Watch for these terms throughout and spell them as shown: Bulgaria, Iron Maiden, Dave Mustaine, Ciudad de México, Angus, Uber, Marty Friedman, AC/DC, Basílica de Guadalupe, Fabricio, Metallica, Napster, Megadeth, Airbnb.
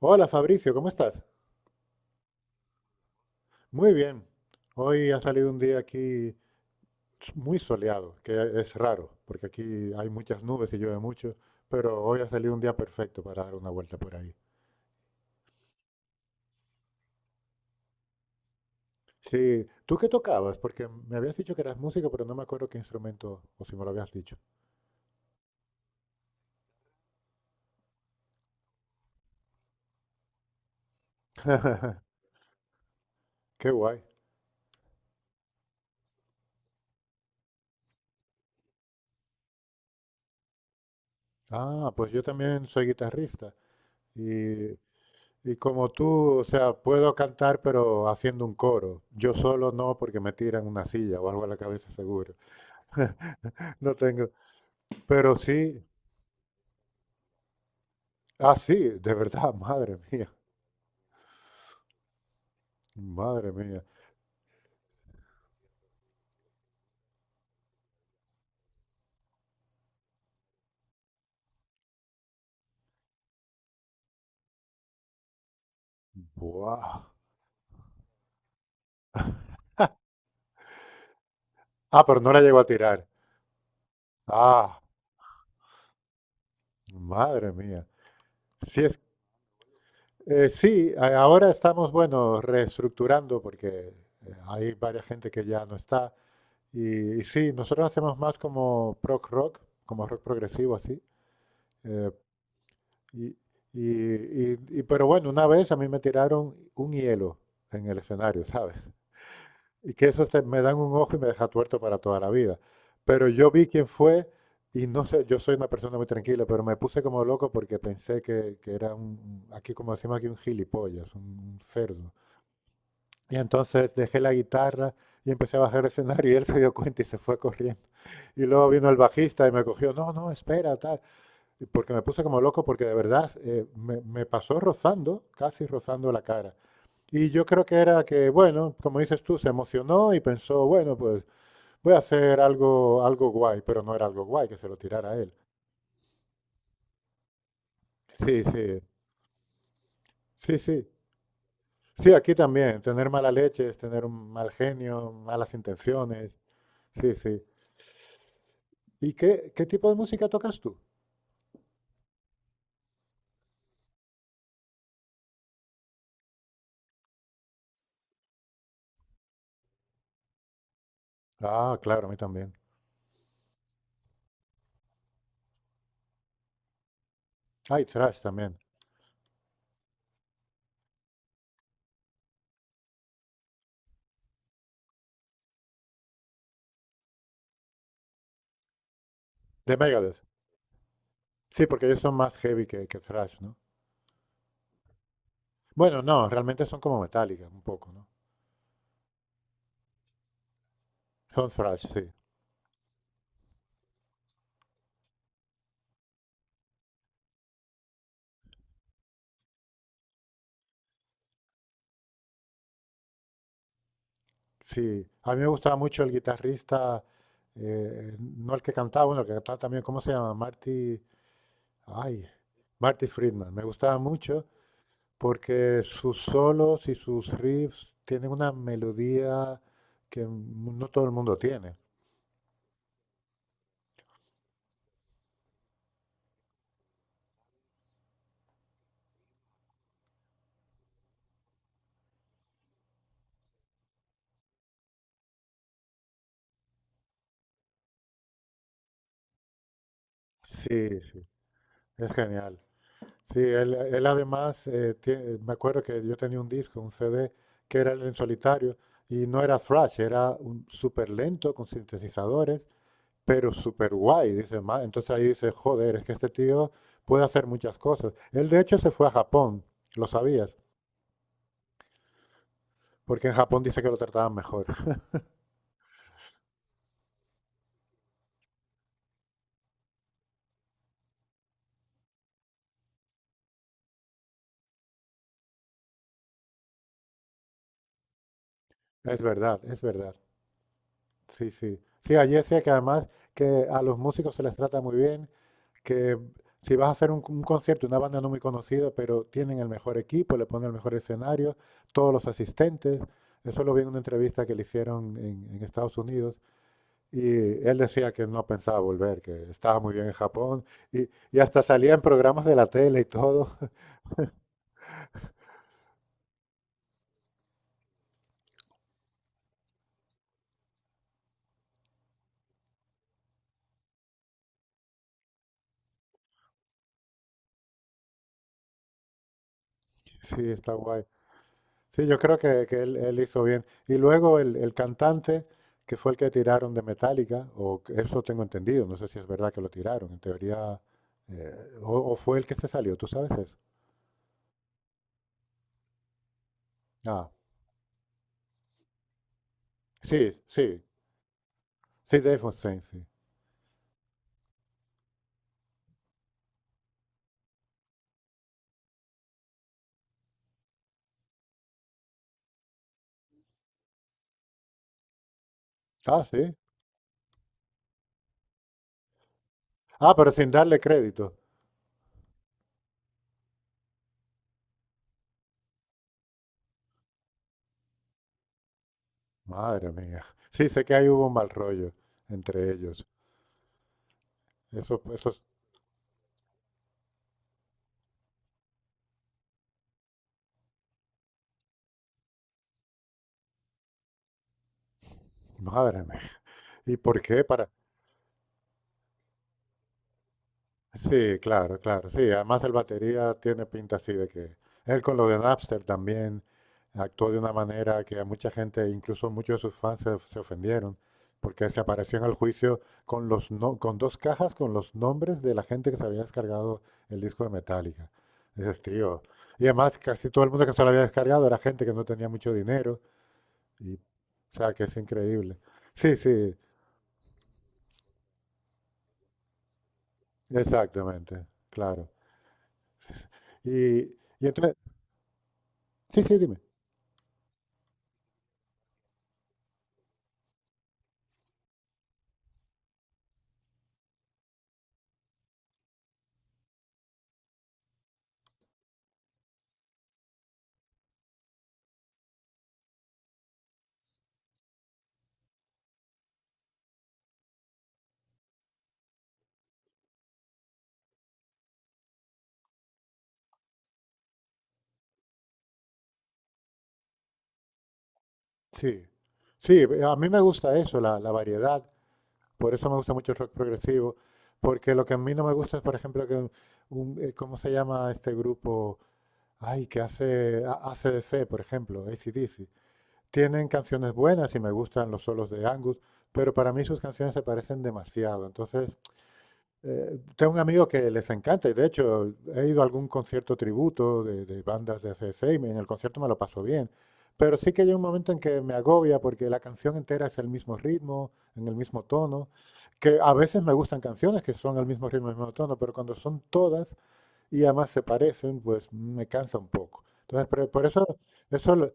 Hola Fabricio, ¿cómo estás? Muy bien. Hoy ha salido un día aquí muy soleado, que es raro, porque aquí hay muchas nubes y llueve mucho, pero hoy ha salido un día perfecto para dar una vuelta por ahí. Sí, ¿tú qué tocabas? Porque me habías dicho que eras músico, pero no me acuerdo qué instrumento, o si me lo habías dicho. Qué guay. Ah, pues yo también soy guitarrista y, y como tú, o sea, puedo cantar pero haciendo un coro. Yo solo no porque me tiran una silla o algo a la cabeza seguro. No tengo. Pero sí, ah, sí, de verdad, madre mía, madre mía. Buah. Ah, pero no la llegó a tirar. Ah, madre mía. Sí, es, sí, ahora estamos, bueno, reestructurando porque hay varias gente que ya no está. Y sí, nosotros hacemos más como prog rock, como rock progresivo así. eh, y, pero bueno, una vez a mí me tiraron un hielo en el escenario, ¿sabes? Y que eso me dan un ojo y me deja tuerto para toda la vida. Pero yo vi quién fue y no sé, yo soy una persona muy tranquila, pero me puse como loco porque pensé que era un, aquí como decimos aquí, un gilipollas, un cerdo. Y entonces dejé la guitarra y empecé a bajar el escenario y él se dio cuenta y se fue corriendo. Y luego vino el bajista y me cogió, no, no, espera, tal. Porque me puse como loco porque de verdad me pasó rozando, casi rozando la cara. Y yo creo que era que, bueno, como dices tú, se emocionó y pensó, bueno, pues voy a hacer algo, algo guay, pero no era algo guay que se lo tirara a él. Sí, sí, sí, sí. Sí, aquí también, tener mala leche es tener un mal genio, malas intenciones. Sí, sí. ¿Y qué, qué tipo de música tocas tú? Ah, claro, a mí también. Hay thrash también. De Megadeth. Sí, porque ellos son más heavy que thrash, ¿no? Bueno, no, realmente son como Metallica, un poco, ¿no? Son thrash, sí. Sí, a mí me gustaba mucho el guitarrista, no el que cantaba, bueno, el que cantaba también, ¿cómo se llama? Marty, ay, Marty Friedman. Me gustaba mucho porque sus solos y sus riffs tienen una melodía que no todo el mundo tiene. Sí, sí, es genial. Sí, él además, me acuerdo que yo tenía un disco, un CD, que era el en solitario, y no era thrash, era un súper lento, con sintetizadores, pero súper guay, dice ma. Entonces ahí dice, joder, es que este tío puede hacer muchas cosas. Él de hecho se fue a Japón, lo sabías, porque en Japón dice que lo trataban mejor. Es verdad, es verdad. Sí, sí. Sí, allí decía que además que a los músicos se les trata muy bien, que si vas a hacer un concierto, una banda no muy conocida, pero tienen el mejor equipo, le ponen el mejor escenario, todos los asistentes. Eso lo vi en una entrevista que le hicieron en Estados Unidos. Y él decía que no pensaba volver, que estaba muy bien en Japón. Y hasta salía en programas de la tele y todo. Sí, está guay. Sí, yo creo que él hizo bien. Y luego el cantante, que fue el que tiraron de Metallica, eso tengo entendido, no sé si es verdad que lo tiraron, en teoría, o fue el que se salió, ¿tú sabes eso? Ah, sí, sí, sí, Dave Mustaine, sí. Ah, sí. Ah, pero sin darle crédito. Madre mía. Sí, sé que ahí hubo un mal rollo entre ellos. Eso, eso. Madre mía. ¿Y por qué? Para... Sí, claro, claro. Sí, además el batería tiene pinta así de que él con lo de Napster también actuó de una manera que a mucha gente, incluso muchos de sus fans, se ofendieron, porque se apareció en el juicio con los con dos cajas con los nombres de la gente que se había descargado el disco de Metallica. Dices, tío. Y además casi todo el mundo que se lo había descargado era gente que no tenía mucho dinero. Y, o sea, que es increíble. Sí, sí, exactamente, claro. Y, y entonces, sí, sí, dime. Sí, sí, a mí me gusta eso, la variedad. Por eso me gusta mucho el rock progresivo. Porque lo que a mí no me gusta es, por ejemplo, que ¿cómo se llama este grupo? Ay, que hace ACDC, por ejemplo, AC/DC. Tienen canciones buenas y me gustan los solos de Angus, pero para mí sus canciones se parecen demasiado. Entonces, eh, tengo un amigo que les encanta y de hecho he ido a algún concierto tributo de bandas de ACDC y en el concierto me lo paso bien. Pero sí que hay un momento en que me agobia porque la canción entera es el mismo ritmo, en el mismo tono, que a veces me gustan canciones que son el mismo ritmo, el mismo tono, pero cuando son todas y además se parecen, pues me cansa un poco. Entonces, pero por eso, eso,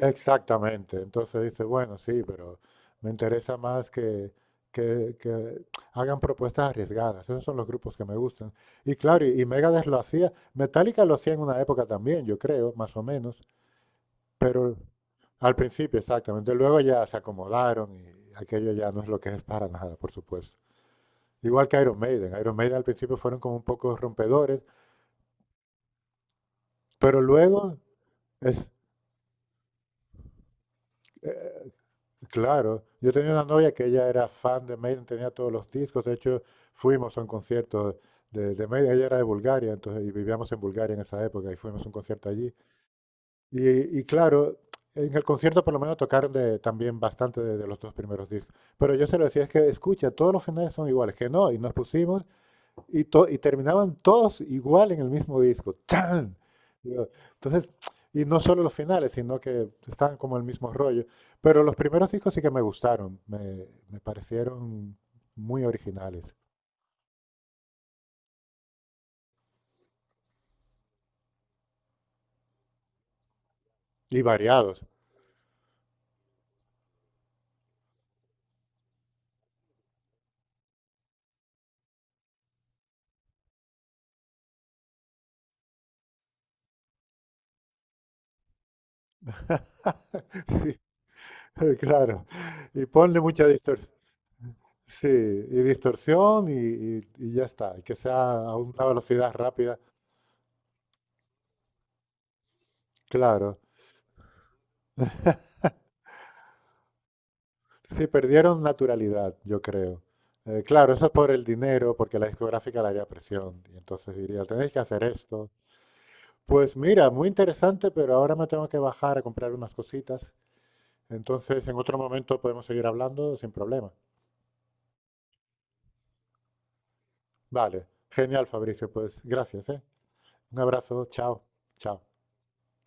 exactamente. Entonces dice, bueno, sí, pero me interesa más que, que hagan propuestas arriesgadas. Esos son los grupos que me gustan. Y claro, y Megadeth lo hacía. Metallica lo hacía en una época también, yo creo, más o menos. Pero al principio, exactamente. Luego ya se acomodaron y aquello ya no es lo que es para nada, por supuesto. Igual que Iron Maiden. Iron Maiden al principio fueron como un poco rompedores, pero luego es, eh, claro, yo tenía una novia que ella era fan de Maiden, tenía todos los discos, de hecho fuimos a un concierto de Maiden, ella era de Bulgaria, entonces y vivíamos en Bulgaria en esa época y fuimos a un concierto allí. Y claro, en el concierto por lo menos tocaron también bastante de los dos primeros discos, pero yo se lo decía, es que escucha, todos los finales son iguales, que no, y nos pusimos y terminaban todos igual en el mismo disco. ¡Chan! Digo, entonces, y no solo los finales, sino que estaban como el mismo rollo. Pero los primeros discos sí que me gustaron, me parecieron muy originales y variados. Sí, claro. Y ponle mucha distorsión. Sí, y distorsión y ya está. Y que sea a una velocidad rápida. Claro. Sí, perdieron naturalidad, yo creo. Claro, eso es por el dinero, porque la discográfica le haría presión. Y entonces diría, tenéis que hacer esto. Pues mira, muy interesante, pero ahora me tengo que bajar a comprar unas cositas. Entonces, en otro momento podemos seguir hablando sin problema. Vale, genial, Fabricio. Pues gracias, ¿eh? Un abrazo, chao, chao.